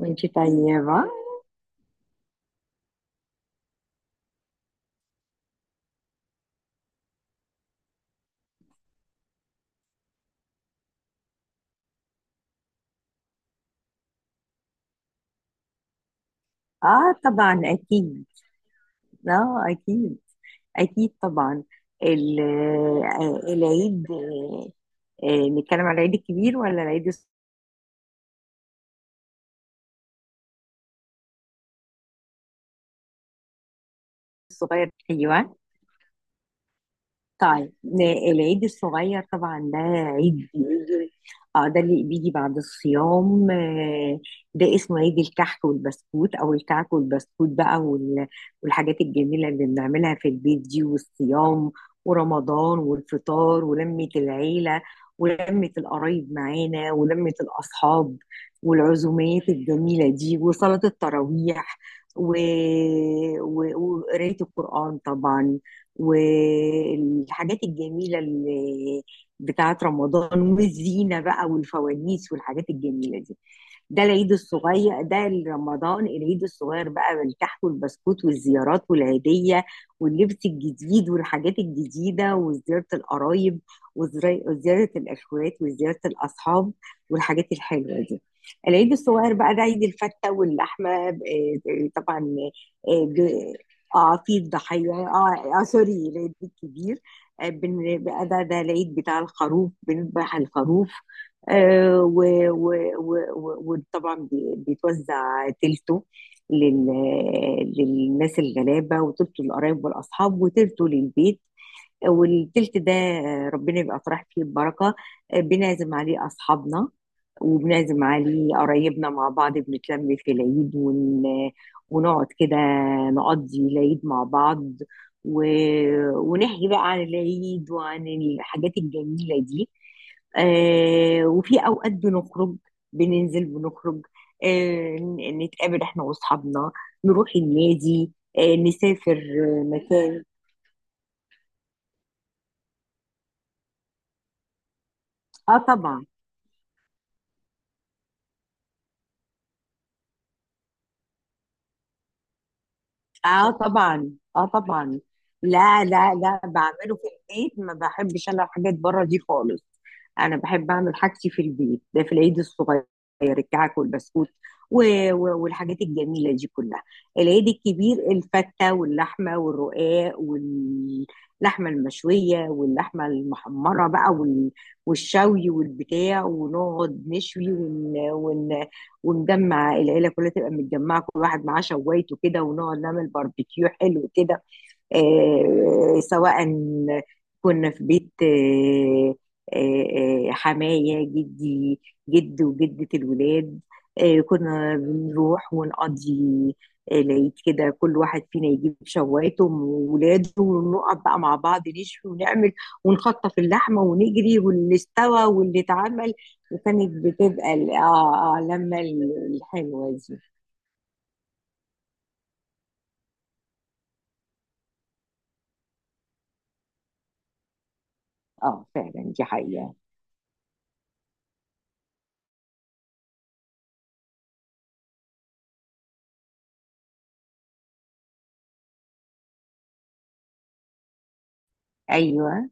وانتي طيبة. اه طبعا اكيد. اه اكيد، اكيد طبعا. ال- العيد. نتكلم على العيد الكبير ولا العيد الصغير؟ ايوه. طيب. العيد الصغير طبعا ده عيد بيجي. اه، ده اللي بيجي بعد الصيام. ده اسمه عيد الكحك والبسكوت او الكعك والبسكوت بقى، والحاجات الجميلة اللي بنعملها في البيت دي، والصيام ورمضان والفطار، ولمة العيلة ولمة القرايب معانا ولمة الأصحاب، والعزومات الجميلة دي، وصلاة التراويح و- و- وقراية القرآن طبعا، والحاجات الجميلة اللي بتاعت رمضان، والزينة بقى والفوانيس والحاجات الجميلة دي. ده العيد الصغير ده. رمضان، العيد الصغير بقى بالكحك والبسكوت والزيارات والعيدية واللبس الجديد والحاجات الجديدة، وزيارة القرايب وزيارة الأخوات وزيارة الأصحاب والحاجات الحلوة دي. العيد الصغير بقى ده عيد الفتة واللحمة. طبعا. آه، ب- اه، في الضحية. اه, آه، سوري، العيد الكبير. بقى ده العيد بتاع الخروف، بنذبح الخروف. آه، و- و- و- و- وطبعا بيتوزع تلته للناس الغلابة، وتلته للقرايب والأصحاب، وتلته للبيت. والتلت ده ربنا يبقى طرح فيه البركة، بنعزم عليه أصحابنا وبنعزم عليه قرايبنا، مع بعض بنتلم في العيد ونقعد كده، نقضي العيد مع بعض و... ونحكي بقى عن العيد وعن الحاجات الجميلة دي. آه، وفي اوقات بنخرج، بننزل بنخرج، آه، نتقابل احنا واصحابنا، نروح النادي، آه، نسافر، آه، مكان. اه طبعا، اه طبعا، اه طبعا. لا لا لا، بعمله في البيت. ما بحبش انا الحاجات بره دي خالص. انا بحب اعمل حاجتي في البيت ده، في العيد الصغير الكعك والبسكوت و... والحاجات الجميله دي كلها. العيد الكبير الفته واللحمه والرقاق واللحمه المشويه واللحمه المحمره بقى والشوي والبتاع، ونقعد نشوي ونجمع العيله كلها، تبقى متجمعه كل واحد معاه شوايته كده، ونقعد نعمل باربيكيو حلو كده. سواء كنا في بيت، حماية جدي، جد وجدة الولاد، كنا بنروح ونقضي العيد كده. كل واحد فينا يجيب شوايته وولاده، ونقعد بقى مع بعض نشوي ونعمل، ونخطف اللحمة ونجري، واللي استوى واللي اتعمل. وكانت بتبقى الحلوة دي. اه فعلا، دي حقيقة. ايوه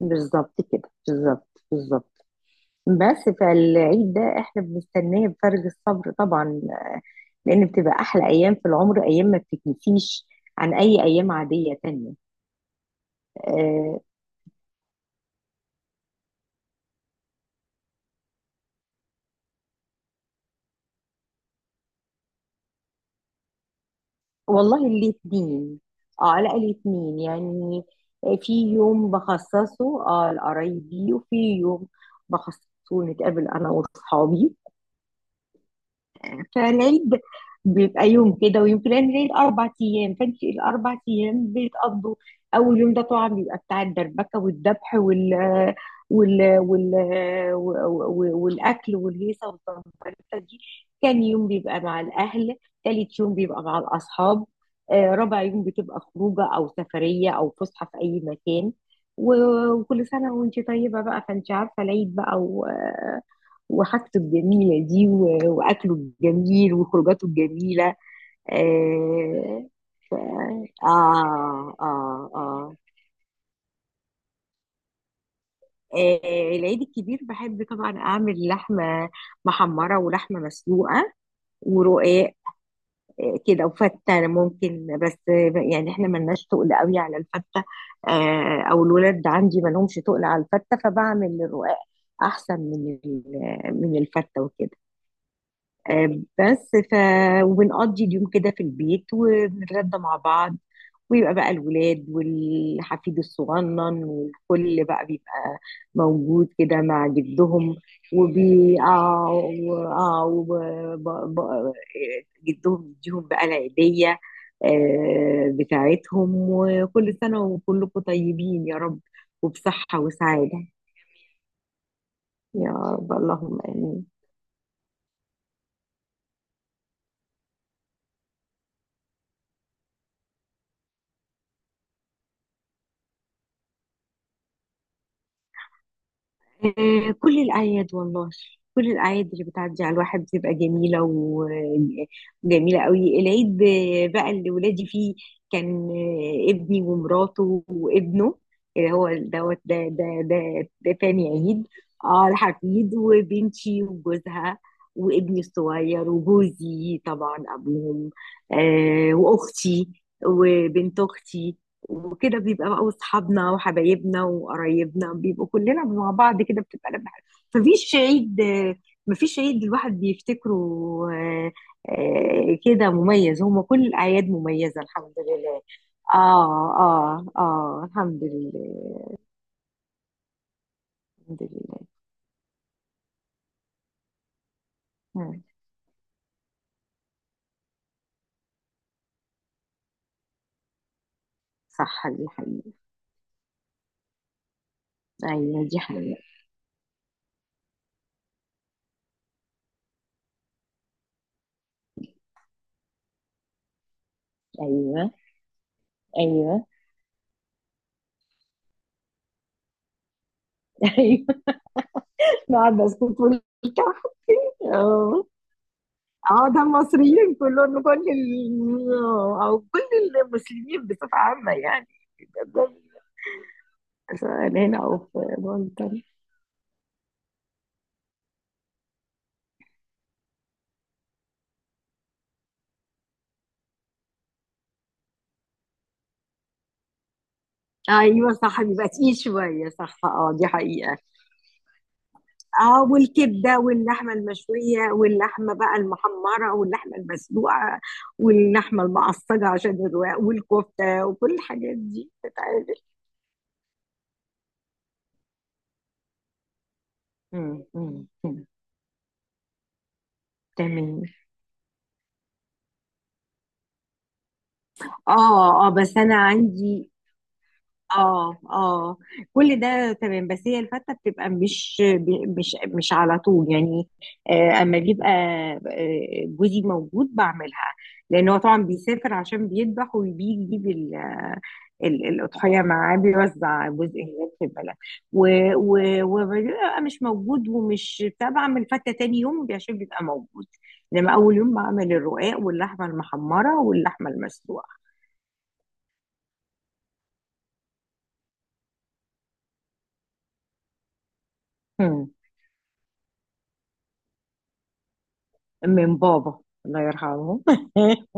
بالظبط كده، بالظبط بالظبط. بس فالعيد ده احنا بنستناه بفارغ الصبر طبعا، لان بتبقى احلى ايام في العمر، ايام ما بتتنسيش عن اي ايام عاديه تانية. أه. والله الاثنين، اه على الاثنين يعني. في يوم بخصصه اه لقرايبي، وفي يوم بخصصه نتقابل انا واصحابي. فالعيد بيبقى يوم كده ويوم كده. يعني العيد أربع أيام، فأنت الأربع أيام بيتقضوا. أول يوم ده طبعا بيبقى بتاع الدربكة والذبح وال وال وال وال- والأكل والهيصة والزمبرتة دي. تاني يوم بيبقى مع الأهل. تالت يوم بيبقى مع الأصحاب. رابع يوم بتبقى خروجة أو سفرية أو فسحة في أي مكان. و- وكل سنة وأنت طيبة بقى. فأنت عارفة العيد بقى وحاجته الجميلة دي، و- وأكله الجميل وخروجاته الجميلة. آه ف... آه, آه, آه, آه آه، العيد الكبير بحب طبعا أعمل لحمة محمرة ولحمة مسلوقة ورقاق، كده. وفتة ممكن بس، يعني احنا ملناش تقل قوي على الفتة، او الولاد عندي ملهمش تقل على الفتة، فبعمل الرقاق احسن من الفتة وكده. آه، بس ف وبنقضي اليوم كده في البيت، وبنتغدى مع بعض، ويبقى بقى الولاد والحفيد الصغنن والكل بقى بيبقى موجود كده مع جدهم. وبي اه و- آه، وب- ب- ب- جدهم يديهم بقى العيدية بتاعتهم. وكل سنة وكلكم طيبين يا رب، وبصحة وسعادة. يا رب، اللهم آمين. كل الأعياد والله، كل الأعياد اللي بتعدي على الواحد بتبقى جميلة وجميلة قوي. العيد بقى اللي ولادي فيه كان، ابني ومراته وابنه اللي هو دوت ده، ده تاني عيد. اه الحفيد، وبنتي وجوزها، وابني الصغير وجوزي طبعا أبوهم، آه وأختي، وبنت أختي. وكده بيبقى بقى اصحابنا وحبايبنا وقرايبنا بيبقوا كلنا مع بعض كده، بتبقى لمة حلوة. مفيش عيد، مفيش عيد الواحد بيفتكره آه، كده مميز، هما كل الأعياد مميزة الحمد لله. اه اه اه، الحمد لله. الحمد لله. مم. صح، دي حقيقة. ايوه دي حقيقة. ايوه. ايوه. ايوه. نقعد نسكت ونكحك. اه اه، ده المصريين كلهم، او كل المسلمين بصفة عامة يعني، سواء هنا او في لندن. ايوه صح، بيبقى تقيل شويه صح، اه دي حقيقه. اه، والكبده واللحمه المشويه واللحمه بقى المحمره واللحمه المسلوقه واللحمه المعصجه، عشان الرواق والكفته وكل الحاجات دي بتتعمل. مم، مم، مم. تمام. اه اه، بس انا عندي، اه اه، كل ده تمام. بس هي الفتة بتبقى مش على طول يعني. اما بيبقى جوزي موجود بعملها، لان هو طبعا بيسافر عشان بيذبح وبيجيب الاضحيه معاه، بيوزع جزء هناك في البلد، و- و- وبيبقى مش موجود، ومش بتاع بعمل فتة تاني يوم عشان بيبقى موجود. لما اول يوم بعمل الرقاق واللحمه المحمره واللحمه المسلوقه. هم. من بابا، الله يرحمه.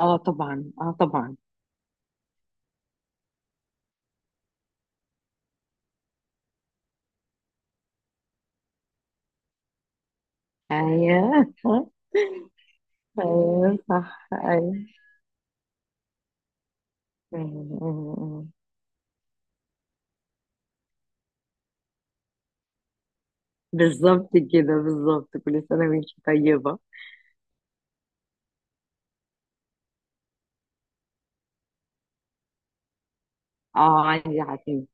اه طبعا، اه طبعا. ايوه. ايوه صح ايوه. م. بالظبط كده بالظبط، كل سنه وانت طيبه. اه عندي حفيد.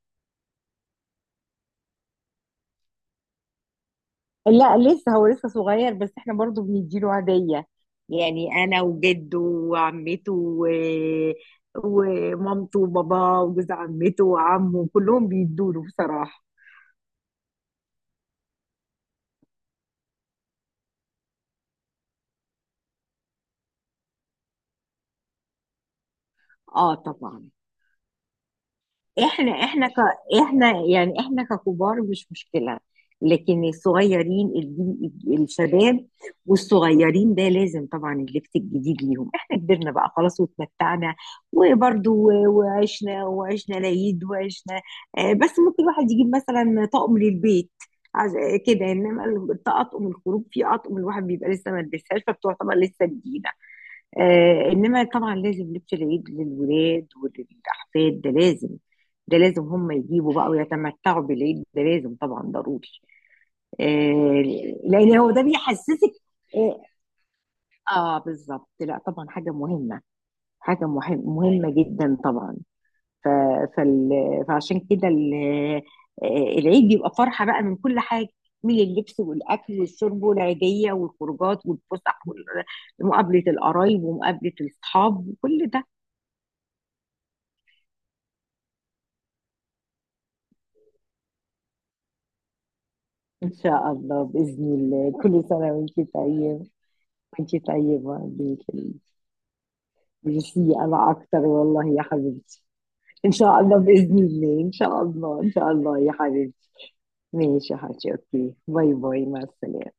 لا لسه، هو لسه صغير، بس احنا برضو بنديله هديه. يعني انا وجده وعمته ومامته وباباه وجوز عمته وعمه، كلهم بيدوا له بصراحه. اه طبعا. احنا احنا ك... احنا يعني احنا ككبار مش مشكلة، لكن الصغيرين الجيل الشباب والصغيرين ده لازم طبعا اللبس الجديد ليهم. احنا كبرنا بقى خلاص واتمتعنا، وبرضو وعشنا، وعشنا العيد وعشنا. بس ممكن الواحد يجيب مثلا طقم للبيت عز- كده. انما الطقم الخروج في اطقم الواحد بيبقى لسه ما لبسهاش، فبتعتبر لسه جديده. آه، انما طبعا لازم لبس العيد للولاد وللاحفاد، ده لازم. ده لازم هم يجيبوا بقى ويتمتعوا بالعيد، ده لازم طبعا ضروري. آه، لان هو ده بيحسسك. اه, آه بالظبط. لا طبعا حاجه مهمه، حاجه مهم مهمه جدا طبعا. ف فال فعشان كده آه، العيد بيبقى فرحه بقى من كل حاجه، من اللبس والاكل والشرب والعيديه والخروجات والفسح ومقابله القرايب ومقابله الاصحاب وكل ده. إن شاء الله بإذن الله، كل سنة وأنتي طيبة. وأنتي طيبة بيك. ميرسي، أنا أكتر والله يا حبيبتي. إن شاء الله بإذن الله، إن شاء الله إن شاء الله يا حبيبتي. ماشي يا حاجة، أوكي، باي باي، مع السلامة.